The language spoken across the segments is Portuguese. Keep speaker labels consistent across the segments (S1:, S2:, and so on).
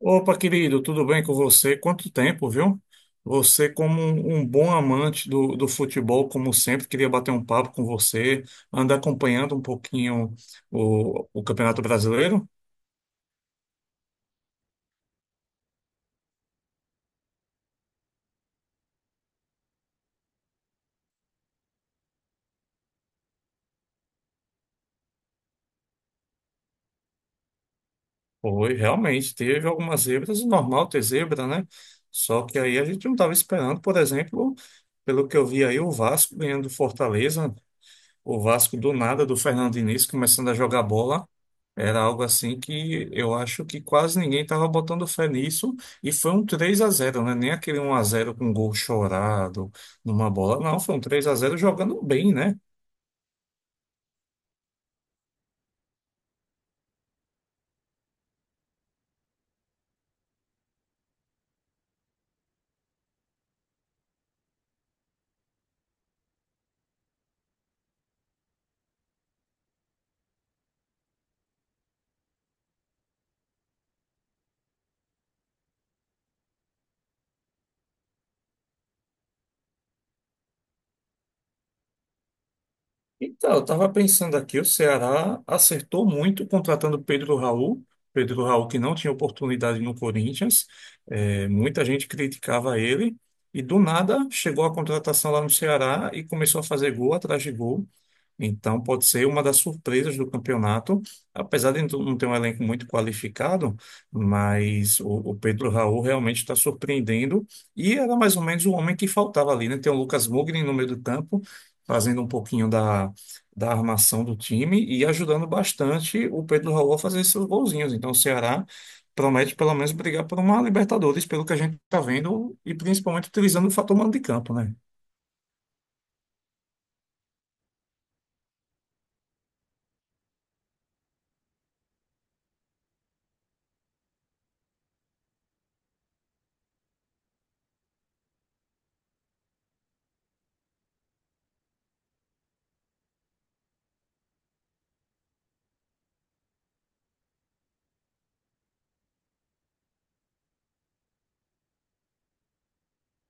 S1: Opa, querido, tudo bem com você? Quanto tempo, viu? Você, como um bom amante do futebol, como sempre, queria bater um papo com você, anda acompanhando um pouquinho o Campeonato Brasileiro? Foi, realmente, teve algumas zebras, normal ter zebra, né? Só que aí a gente não estava esperando, por exemplo, pelo que eu vi aí, o Vasco ganhando do Fortaleza, o Vasco do nada, do Fernando Diniz, começando a jogar bola. Era algo assim que eu acho que quase ninguém estava botando fé nisso. E foi um 3 a zero, né? Nem aquele um a zero com gol chorado numa bola. Não, foi um 3 a zero jogando bem, né? Então, eu estava pensando aqui, o Ceará acertou muito contratando Pedro Raul. Pedro Raul que não tinha oportunidade no Corinthians. Muita gente criticava ele. E do nada chegou a contratação lá no Ceará e começou a fazer gol atrás de gol. Então pode ser uma das surpresas do campeonato. Apesar de não ter um elenco muito qualificado, mas o Pedro Raul realmente está surpreendendo. E era mais ou menos o homem que faltava ali, né? Tem o Lucas Mugni no meio do campo fazendo um pouquinho da armação do time e ajudando bastante o Pedro Raul a fazer seus golzinhos. Então, o Ceará promete pelo menos brigar por uma Libertadores, pelo que a gente está vendo, e principalmente utilizando o fator mando de campo, né?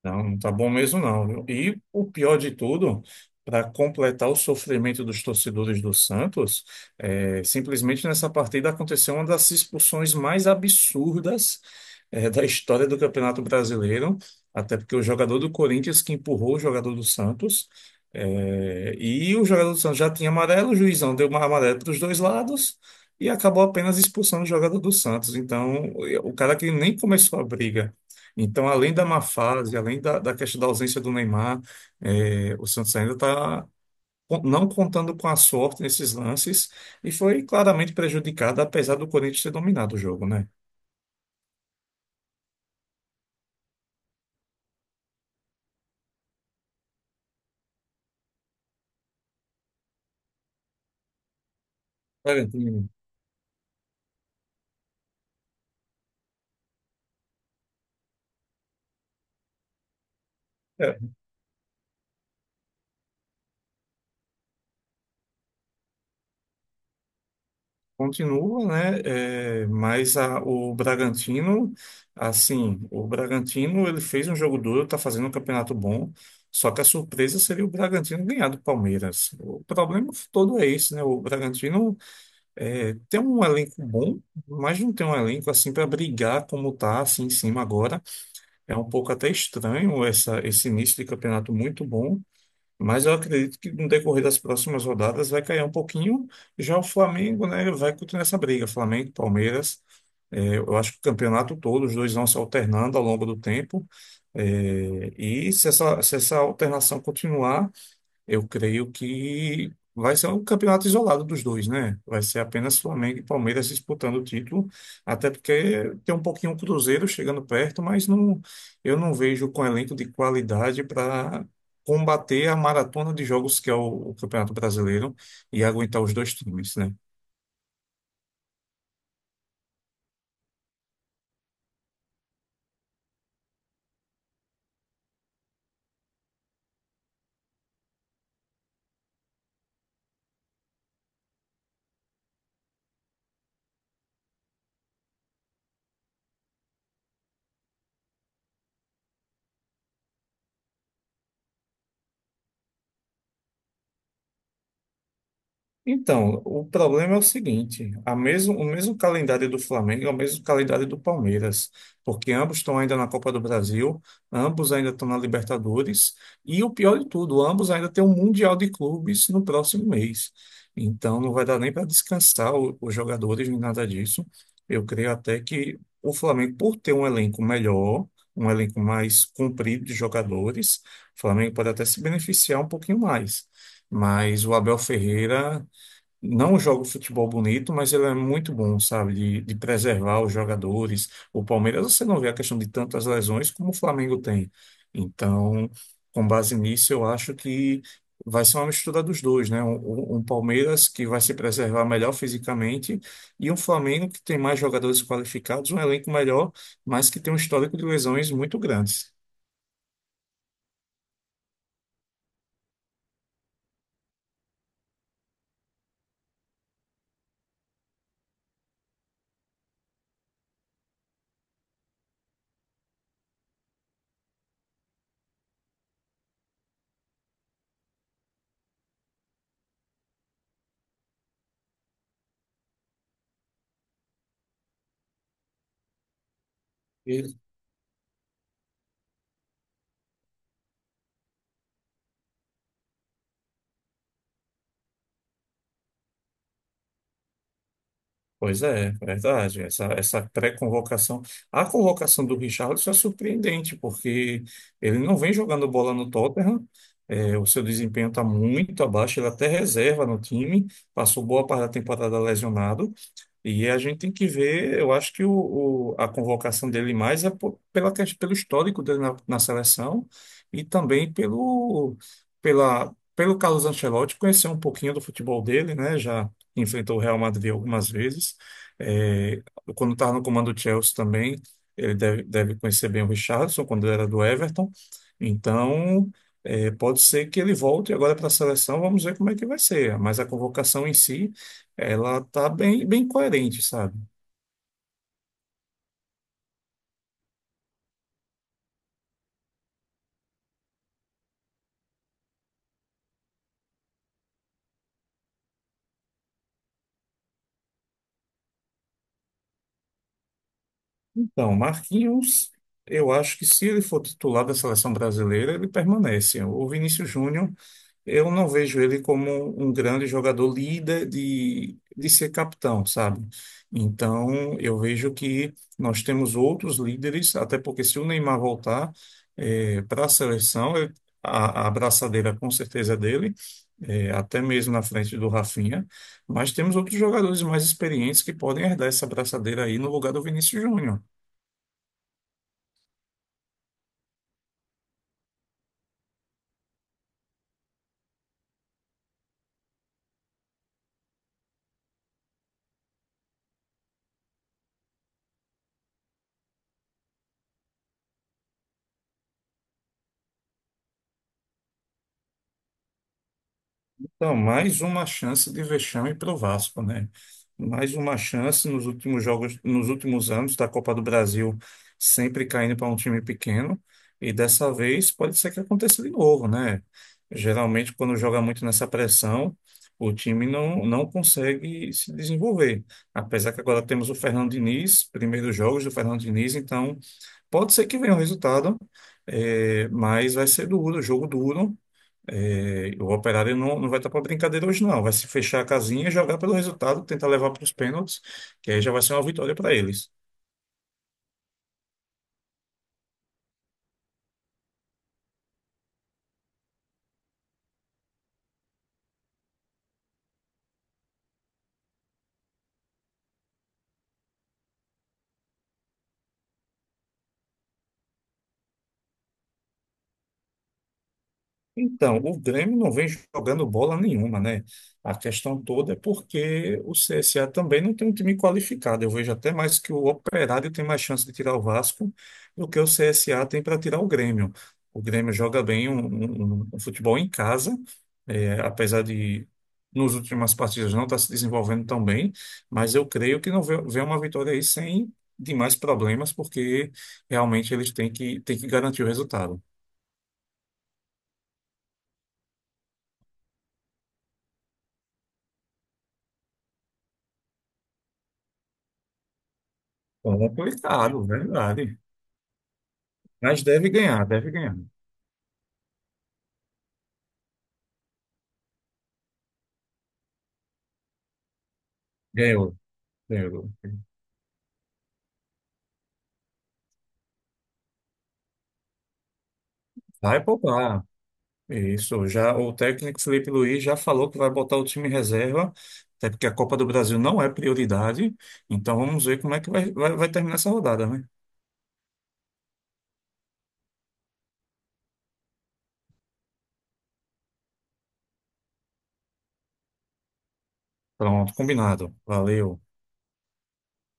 S1: Não, não tá bom mesmo não, viu? E o pior de tudo, para completar o sofrimento dos torcedores do Santos, simplesmente nessa partida aconteceu uma das expulsões mais absurdas, da história do Campeonato Brasileiro, até porque o jogador do Corinthians que empurrou o jogador do Santos, é, e o jogador do Santos já tinha amarelo, o juizão deu uma amarela para os dois lados e acabou apenas expulsando o jogador do Santos. Então, o cara que nem começou a briga então, além da má fase, além da questão da ausência do Neymar, o Santos ainda está não contando com a sorte nesses lances e foi claramente prejudicado, apesar do Corinthians ter dominado o jogo, né? Bragantino, é, continua, né? O Bragantino, assim, o Bragantino ele fez um jogo duro, está fazendo um campeonato bom. Só que a surpresa seria o Bragantino ganhar do Palmeiras. O problema todo é esse, né? O Bragantino é, tem um elenco bom, mas não tem um elenco assim para brigar como tá assim em cima agora. É um pouco até estranho esse início de campeonato muito bom, mas eu acredito que no decorrer das próximas rodadas vai cair um pouquinho. Já o Flamengo, né, vai continuar essa briga. Flamengo, Palmeiras, é, eu acho que o campeonato todo, os dois vão se alternando ao longo do tempo. É, se essa alternação continuar. Eu creio que vai ser um campeonato isolado dos dois, né? Vai ser apenas Flamengo e Palmeiras disputando o título, até porque tem um pouquinho o Cruzeiro chegando perto, mas não, eu não vejo com elenco de qualidade para combater a maratona de jogos que é o Campeonato Brasileiro e aguentar os dois times, né? Então, o problema é o seguinte: o mesmo calendário do Flamengo é o mesmo calendário do Palmeiras, porque ambos estão ainda na Copa do Brasil, ambos ainda estão na Libertadores, e o pior de tudo, ambos ainda têm um Mundial de Clubes no próximo mês. Então, não vai dar nem para descansar os jogadores nem nada disso. Eu creio até que o Flamengo, por ter um elenco melhor, um elenco mais comprido de jogadores, o Flamengo pode até se beneficiar um pouquinho mais. Mas o Abel Ferreira não joga o futebol bonito, mas ele é muito bom, sabe, de preservar os jogadores. O Palmeiras, você não vê a questão de tantas lesões como o Flamengo tem. Então, com base nisso, eu acho que vai ser uma mistura dos dois, né? Um Palmeiras que vai se preservar melhor fisicamente e um Flamengo que tem mais jogadores qualificados, um elenco melhor, mas que tem um histórico de lesões muito grandes. Pois é, verdade. Essa pré-convocação. A convocação do Richarlison é surpreendente, porque ele não vem jogando bola no Tottenham, é, o seu desempenho está muito abaixo, ele é até reserva no time, passou boa parte da temporada lesionado, e a gente tem que ver, eu acho que a convocação dele mais é pelo histórico dele na seleção e também pelo Carlos Ancelotti conhecer um pouquinho do futebol dele, né? Já enfrentou o Real Madrid algumas vezes. É, quando estava no comando do Chelsea também, ele deve conhecer bem o Richarlison, quando ele era do Everton. Então, é, pode ser que ele volte agora para a seleção, vamos ver como é que vai ser. Mas a convocação em si. Ela tá bem coerente, sabe? Então, Marquinhos, eu acho que se ele for titular da seleção brasileira, ele permanece. O Vinícius Júnior. Eu não vejo ele como um grande jogador líder de ser capitão, sabe? Então, eu vejo que nós temos outros líderes, até porque se o Neymar voltar para a seleção, a abraçadeira com certeza é dele, eh, até mesmo na frente do Rafinha, mas temos outros jogadores mais experientes que podem herdar essa abraçadeira aí no lugar do Vinícius Júnior. Então, mais uma chance de vexame para o Vasco, né? Mais uma chance nos últimos jogos, nos últimos anos da Copa do Brasil, sempre caindo para um time pequeno. E dessa vez pode ser que aconteça de novo, né? Geralmente, quando joga muito nessa pressão, o time não, não consegue se desenvolver. Apesar que agora temos o Fernando Diniz, primeiros jogos do Fernando Diniz, então pode ser que venha um resultado, mas vai ser duro, jogo duro. É, o Operário não, não vai estar para brincadeira hoje, não. Vai se fechar a casinha, jogar pelo resultado, tentar levar para os pênaltis, que aí já vai ser uma vitória para eles. Então, o Grêmio não vem jogando bola nenhuma, né? A questão toda é porque o CSA também não tem um time qualificado. Eu vejo até mais que o Operário tem mais chance de tirar o Vasco do que o CSA tem para tirar o Grêmio. O Grêmio joga bem um futebol em casa, é, apesar de nos últimas partidas não estar se desenvolvendo tão bem, mas eu creio que não vê uma vitória aí sem demais problemas, porque realmente eles têm que garantir o resultado. Complicado, verdade. Mas deve ganhar, deve ganhar. Ganhou, ganhou. Vai poupar. Isso, já o técnico Felipe Luiz já falou que vai botar o time em reserva, até porque a Copa do Brasil não é prioridade. Então vamos ver como é que vai terminar essa rodada, né? Pronto, combinado. Valeu.